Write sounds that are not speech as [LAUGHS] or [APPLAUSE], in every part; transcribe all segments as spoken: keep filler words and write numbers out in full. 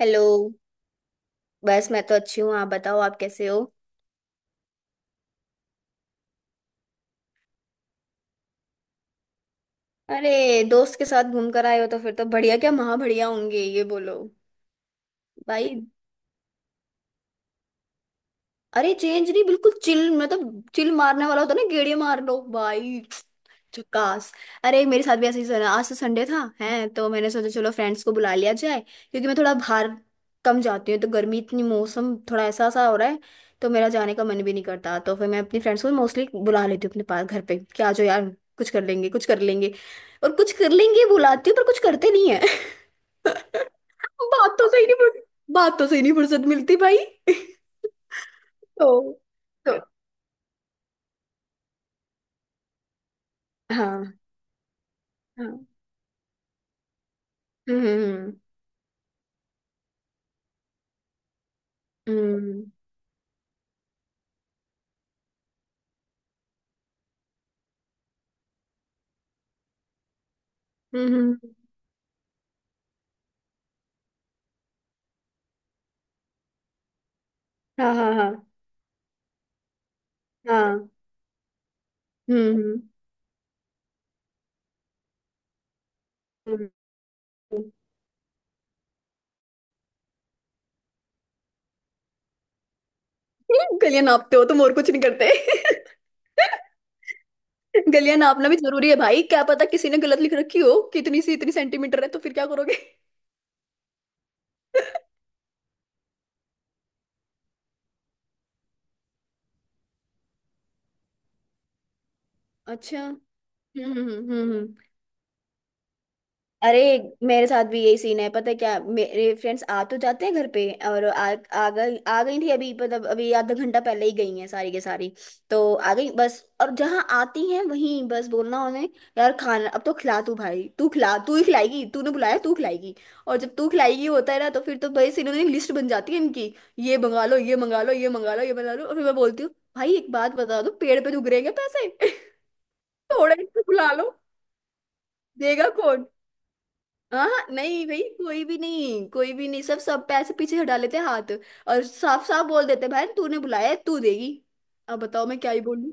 Hello. बस मैं तो अच्छी हूँ, आप बताओ आप कैसे हो? अरे दोस्त के साथ घूम कर आए हो तो फिर तो बढ़िया क्या, महा बढ़िया होंगे, ये बोलो भाई। अरे चेंज नहीं, बिल्कुल चिल, मतलब चिल मारने वाला होता है ना, गेड़िया मार लो भाई। झकास। अरे मेरे साथ भी ऐसे ही सर, आज तो संडे था है तो मैंने सोचा चलो फ्रेंड्स को बुला लिया जाए, क्योंकि मैं थोड़ा बाहर कम जाती हूँ, तो गर्मी इतनी, मौसम थोड़ा ऐसा सा हो रहा है, तो मेरा जाने का मन भी नहीं करता, तो फिर मैं अपनी फ्रेंड्स को मोस्टली बुला लेती हूँ अपने पास घर पे कि आ जाओ यार, कुछ कर लेंगे कुछ कर लेंगे। और कुछ कर लेंगे बुलाती हूँ, पर कुछ करते नहीं है। [LAUGHS] बातों से ही नहीं फुर्सत- बातों से ही नहीं फुर्सत मिलती भाई। [LAUGHS] तो तो। हाँ हाँ। हम्म हम्म। हम्म हम्म, हम्म, हाँ हाँ हाँ हाँ। हम्म हम्म हम्म। गलियां नापते हो तुम और कुछ नहीं करते। [LAUGHS] गलियां नापना भी जरूरी है भाई, क्या पता किसी ने गलत लिख रखी हो कितनी सी, इतनी सेंटीमीटर है तो फिर क्या करोगे? [LAUGHS] अच्छा। हम्म। हम्म हम्म। अरे मेरे साथ भी यही सीन है, पता है क्या, मेरे फ्रेंड्स आ तो जाते हैं घर पे। और आ आ गई आ गई थी अभी, मतलब अभी आधा घंटा पहले ही गई हैं सारी के सारी। तो आ गई बस, और जहाँ आती हैं वहीं बस बोलना उन्हें, यार खाना अब तो खिला, तू भाई तू खिला, तू ही खिलाएगी, तूने बुलाया तू खिलाएगी। और जब तू खिलाएगी होता है ना, तो फिर तो भाई सीनों की लिस्ट बन जाती है इनकी। ये मंगा लो ये मंगा लो ये मंगा लो ये मंगा लो, और फिर मैं बोलती हूँ भाई एक बात बता दो, पेड़ पे उग रहे हैं क्या पैसे? [LAUGHS] थोड़ा इनको बुला लो। देगा कौन? हाँ हाँ, नहीं भाई, कोई भी नहीं, कोई भी नहीं, सब सब पैसे पीछे हटा लेते हैं हाथ। और साफ साफ बोल देते हैं, भाई तूने बुलाया है तू देगी। अब बताओ मैं क्या ही बोलूं।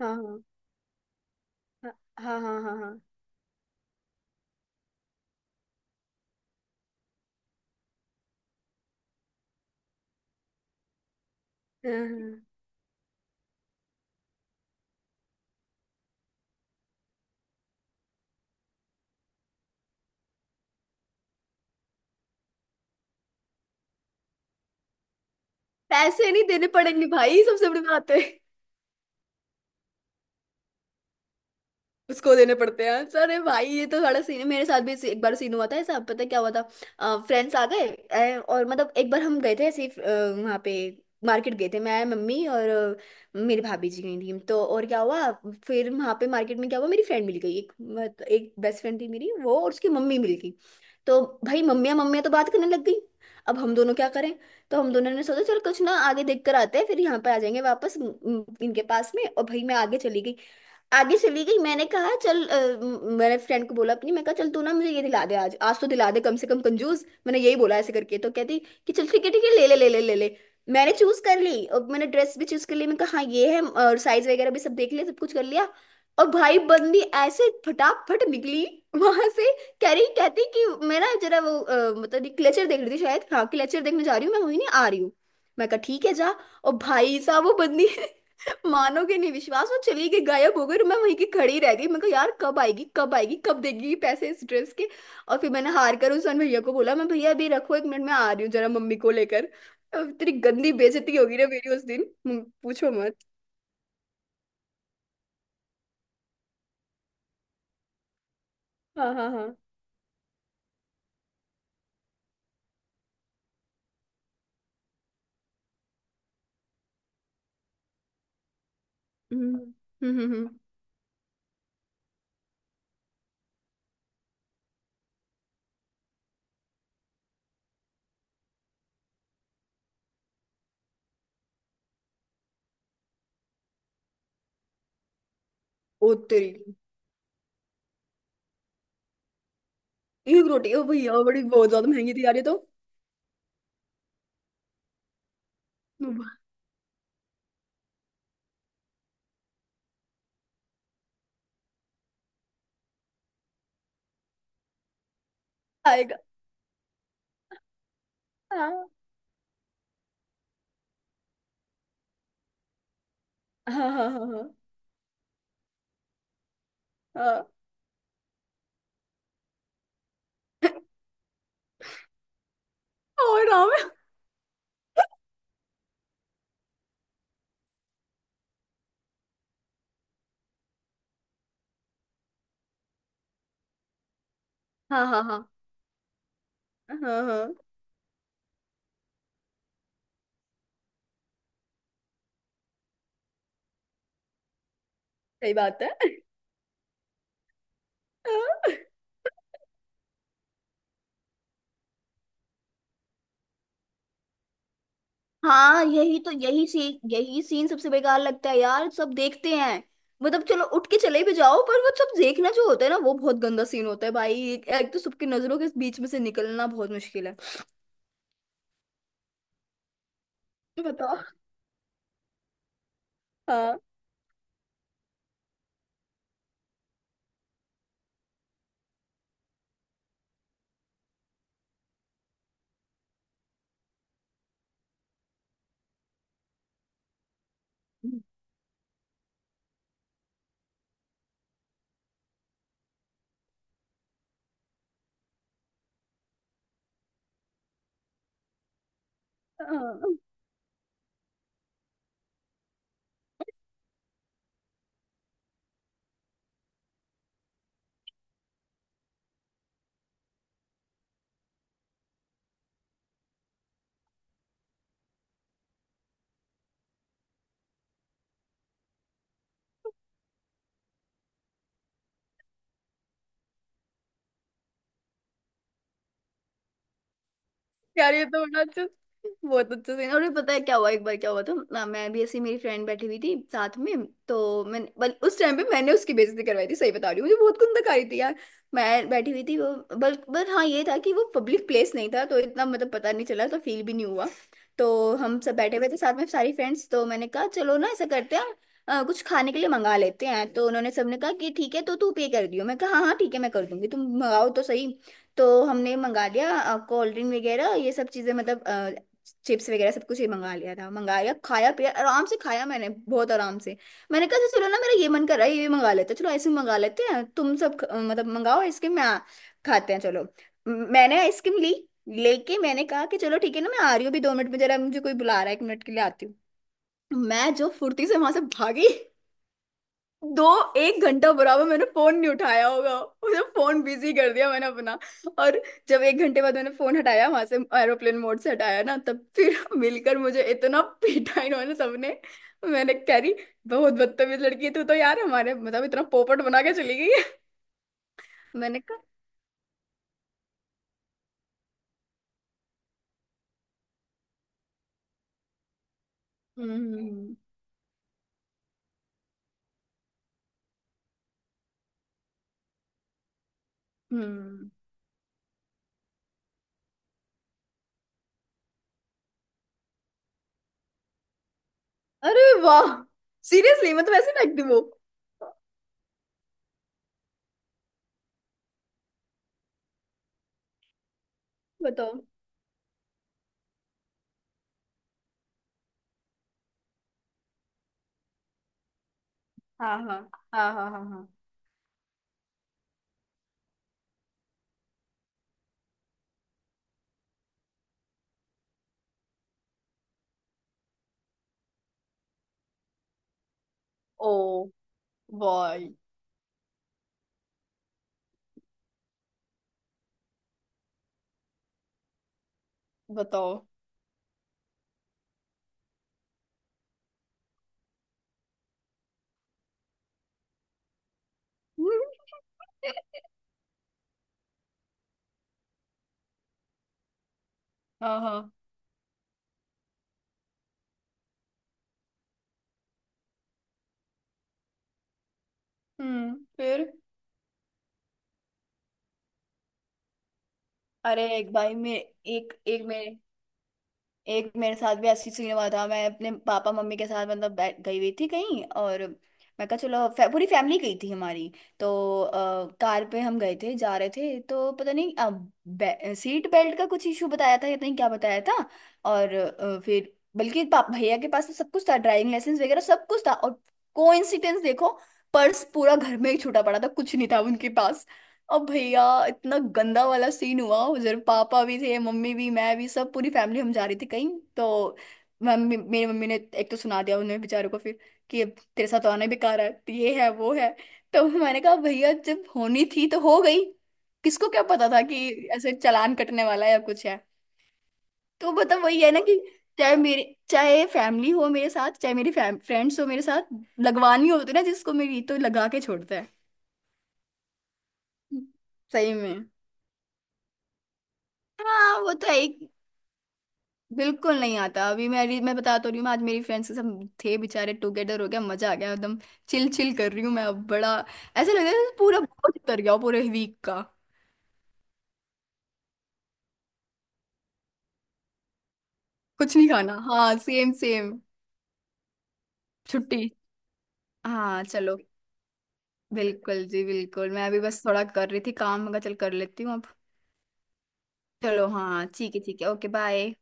हाँ हाँ हाँ हाँ। हाँ हाँ हाँ हाँ, हाँ। पैसे नहीं देने पड़ेंगे भाई, सबसे बड़ी बात है। उसको देने पड़ते हैं। तो अरे भाई ये तो बड़ा सीन है, मेरे साथ भी ऐसे- एक बार सीन हुआ था ऐसा, पता है क्या हुआ था? फ्रेंड्स आ गए, अ, और मतलब एक बार हम गए थे ऐसे ही, अ, वहाँ पे मार्केट गए थे, मैं मम्मी और अ, मेरी भाभी जी गई थी। तो और क्या हुआ, फिर वहाँ पे मार्केट में क्या हुआ, मेरी फ्रेंड मिल गई एक, मत- एक बेस्ट फ्रेंड थी मेरी वो, और उसकी मम्मी मिल गई। तो भाई मम्मियाँ मम्मियाँ तो बात करने लग गई। अब हम दोनों क्या करें? तो हम दोनों ने सोचा चल कुछ ना आगे देख कर आते हैं, फिर यहाँ पे आ जाएंगे वापस म- म- इनके पास में। और भाई मैं आगे चली गई, आगे चली गई। मैंने कहा चल, अ, म- मैंने फ्रेंड को बोला अपनी, मैं कहा चल तू ना मुझे ये दिला दे आज, आज तो दिला दे कम से कम कंजूस। मैंने यही बोला ऐसे करके, तो कहती कि चल ठीक है ठीक है, ले ले ले ले ले ले। मैंने चूज कर ली, और मैंने ड्रेस भी चूज कर ली, मैं कहा हाँ ये है, और साइज वगैरह भी सब देख लिया, सब कुछ कर लिया। और भाई बंदी ऐसे फटाफट निकली वहां से, कह रही कहती कि मेरा जरा वो, अ, मतलब क्लेचर देख रही थी शायद, हाँ क्लेचर देखने जा रही हूँ मैं, वहीं नहीं आ रही हूँ। मैं कहा ठीक है जा। और भाई साहब वो बंदी, [LAUGHS] मानोगे नहीं विश्वास, वो चली गई, गायब हो गई, और मैं वहीं की खड़ी रह गई। मैं कहा यार कब आएगी कब आएगी, कब देगी ये पैसे इस ड्रेस के। और फिर मैंने हार कर उस भैया को बोला, मैं भैया अभी रखो, एक मिनट में आ रही हूँ जरा मम्मी को लेकर। अब तेरी गंदी बेइज्जती होगी ना मेरी उस दिन। हम्म, पूछो मत। हाँ हाँ हाँ। हम्म हम्म हम्म हम्म। ओ तेरी। एक रोटी, ओ भैया बड़ी बहुत ज्यादा महंगी थी यार ये तो। हम्म, आएगा। हाँ हाँ हाँ हाँ हाँ हाँ, और हाँ हाँ हाँ हाँ हाँ हाँ, सही बात है। हाँ। हाँ यही तो, यही सीन, यही सीन सबसे बेकार लगता है यार, सब देखते हैं। मतलब चलो उठ के चले भी जाओ, पर वो सब देखना जो होता है ना, वो बहुत गंदा सीन होता है भाई, एक, एक तो सबकी नजरों के बीच में से निकलना बहुत मुश्किल है। बताओ। हाँ हाँ। यार ये तो बड़ा अच्छा, बहुत अच्छा सीन। और ये पता है क्या हुआ, एक बार क्या हुआ था ना, मैं भी ऐसी, मेरी फ्रेंड बैठी हुई थी साथ में, तो मैंने बल उस टाइम पे मैंने उसकी बेइज्जती करवाई थी। सही बता रही हूँ, मुझे बहुत कुंदक आ रही थी यार। मैं बैठी हुई थी वो बल बट हाँ, ये था कि वो पब्लिक प्लेस नहीं था तो इतना मतलब पता नहीं चला, तो फील भी नहीं हुआ। तो हम सब बैठे हुए थे साथ में सारी फ्रेंड्स, तो मैंने कहा चलो ना ऐसा करते हैं, अ, कुछ खाने के लिए मंगा लेते हैं। तो उन्होंने सबने कहा कि ठीक है, तो तू पे कर दियो। मैं कहा हाँ हाँ ठीक है मैं कर दूंगी, तुम मंगाओ तो सही। तो हमने मंगा लिया कोल्ड ड्रिंक वगैरह ये सब चीजें, मतलब चिप्स वगैरह सब कुछ ही मंगा लिया था। मंगाया खाया पिया आराम से, खाया मैंने बहुत आराम से। मैंने कहा "अच्छा, चलो ना मेरा ये मन कर रहा है ये भी मंगा लेते हैं, चलो आइसक्रीम मंगा लेते हैं, तुम सब ख- मतलब मंगाओ आइसक्रीम, मैं आ- खाते हैं चलो, म- मैंने आइसक्रीम ली, लेके मैंने कहा कि चलो ठीक है ना, मैं आ रही हूँ अभी दो मिनट में, जरा मुझे कोई बुला रहा है, एक मिनट के लिए आती हूँ। मैं जो फुर्ती से वहां से भागी, दो एक घंटा बराबर मैंने फोन नहीं उठाया होगा, उसे फोन बिजी कर दिया मैंने अपना। और जब एक घंटे बाद मैंने फोन हटाया वहां से, एरोप्लेन मोड से हटाया ना, तब फिर मिलकर मुझे इतना पीटा इन्होंने सबने। मैंने कह रही, बहुत बदतमीज लड़की है तू तो यार, हमारे मतलब इतना पोपट बना के चली गई है। मैंने कहा। हम्म हम्म हम्म।" अरे वाह। सीरियसली, मतलब ऐसे फेंक दी वो। बताओ। हाँ हाँ हाँ हाँ हाँ हाँ। Oh boy. बताओ। [LAUGHS] हाँ हाँ। हम्म। फिर अरे एक भाई मैं एक एक मेरे एक मेरे साथ भी ऐसी सीन हुआ था। मैं अपने पापा मम्मी के साथ मतलब बै- गई हुई थी कहीं और, मैं कहा चलो फै, पूरी फैमिली गई थी हमारी। तो अ, कार पे हम गए थे, जा रहे थे तो पता नहीं अ, बे, सीट बेल्ट का कुछ इशू बताया था या नहीं क्या बताया था। और अ, फिर बल्कि पाप भैया के पास तो सब कुछ था, ड्राइविंग लाइसेंस वगैरह सब कुछ था, और कोइंसिडेंस देखो, पर्स पूरा घर में ही छूटा पड़ा था, कुछ नहीं था उनके पास। अब भैया इतना गंदा वाला सीन हुआ, उधर पापा भी थे मम्मी भी मैं भी, सब पूरी फैमिली हम जा रही थी कहीं। तो मम्मी मेरी मम्मी ने एक तो सुना दिया उन्हें बेचारों को, फिर कि अब तेरे साथ तो आना ही बेकार है, तो ये है वो है। तो मैंने कहा भैया, जब होनी थी तो हो गई, किसको क्या पता था कि ऐसे चालान कटने वाला है या कुछ है। तो मतलब वही है ना कि चाहे मेरे चाहे फैमिली हो मेरे साथ, चाहे मेरी फ्रेंड्स हो मेरे साथ, लगवानी होती है ना जिसको, मेरी तो लगा के छोड़ता है। सही में। हाँ वो तो है ही। बिल्कुल नहीं आता, अभी मेरी, मैं बता तो रही हूँ, मैं आज मेरी फ्रेंड्स के साथ थे बेचारे, टुगेदर हो गया, मजा आ गया एकदम, चिल चिल कर रही हूँ मैं, अब बड़ा ऐसा लग रहा है जैसे पूरा बोझ उतर गया हो पूरे वीक का। कुछ नहीं खाना, हाँ सेम सेम। छुट्टी। हाँ चलो। बिल्कुल जी बिल्कुल, मैं अभी बस थोड़ा कर रही थी काम, मैं कहा चल कर लेती हूँ अब। चलो हाँ ठीक है ठीक है, ओके बाय।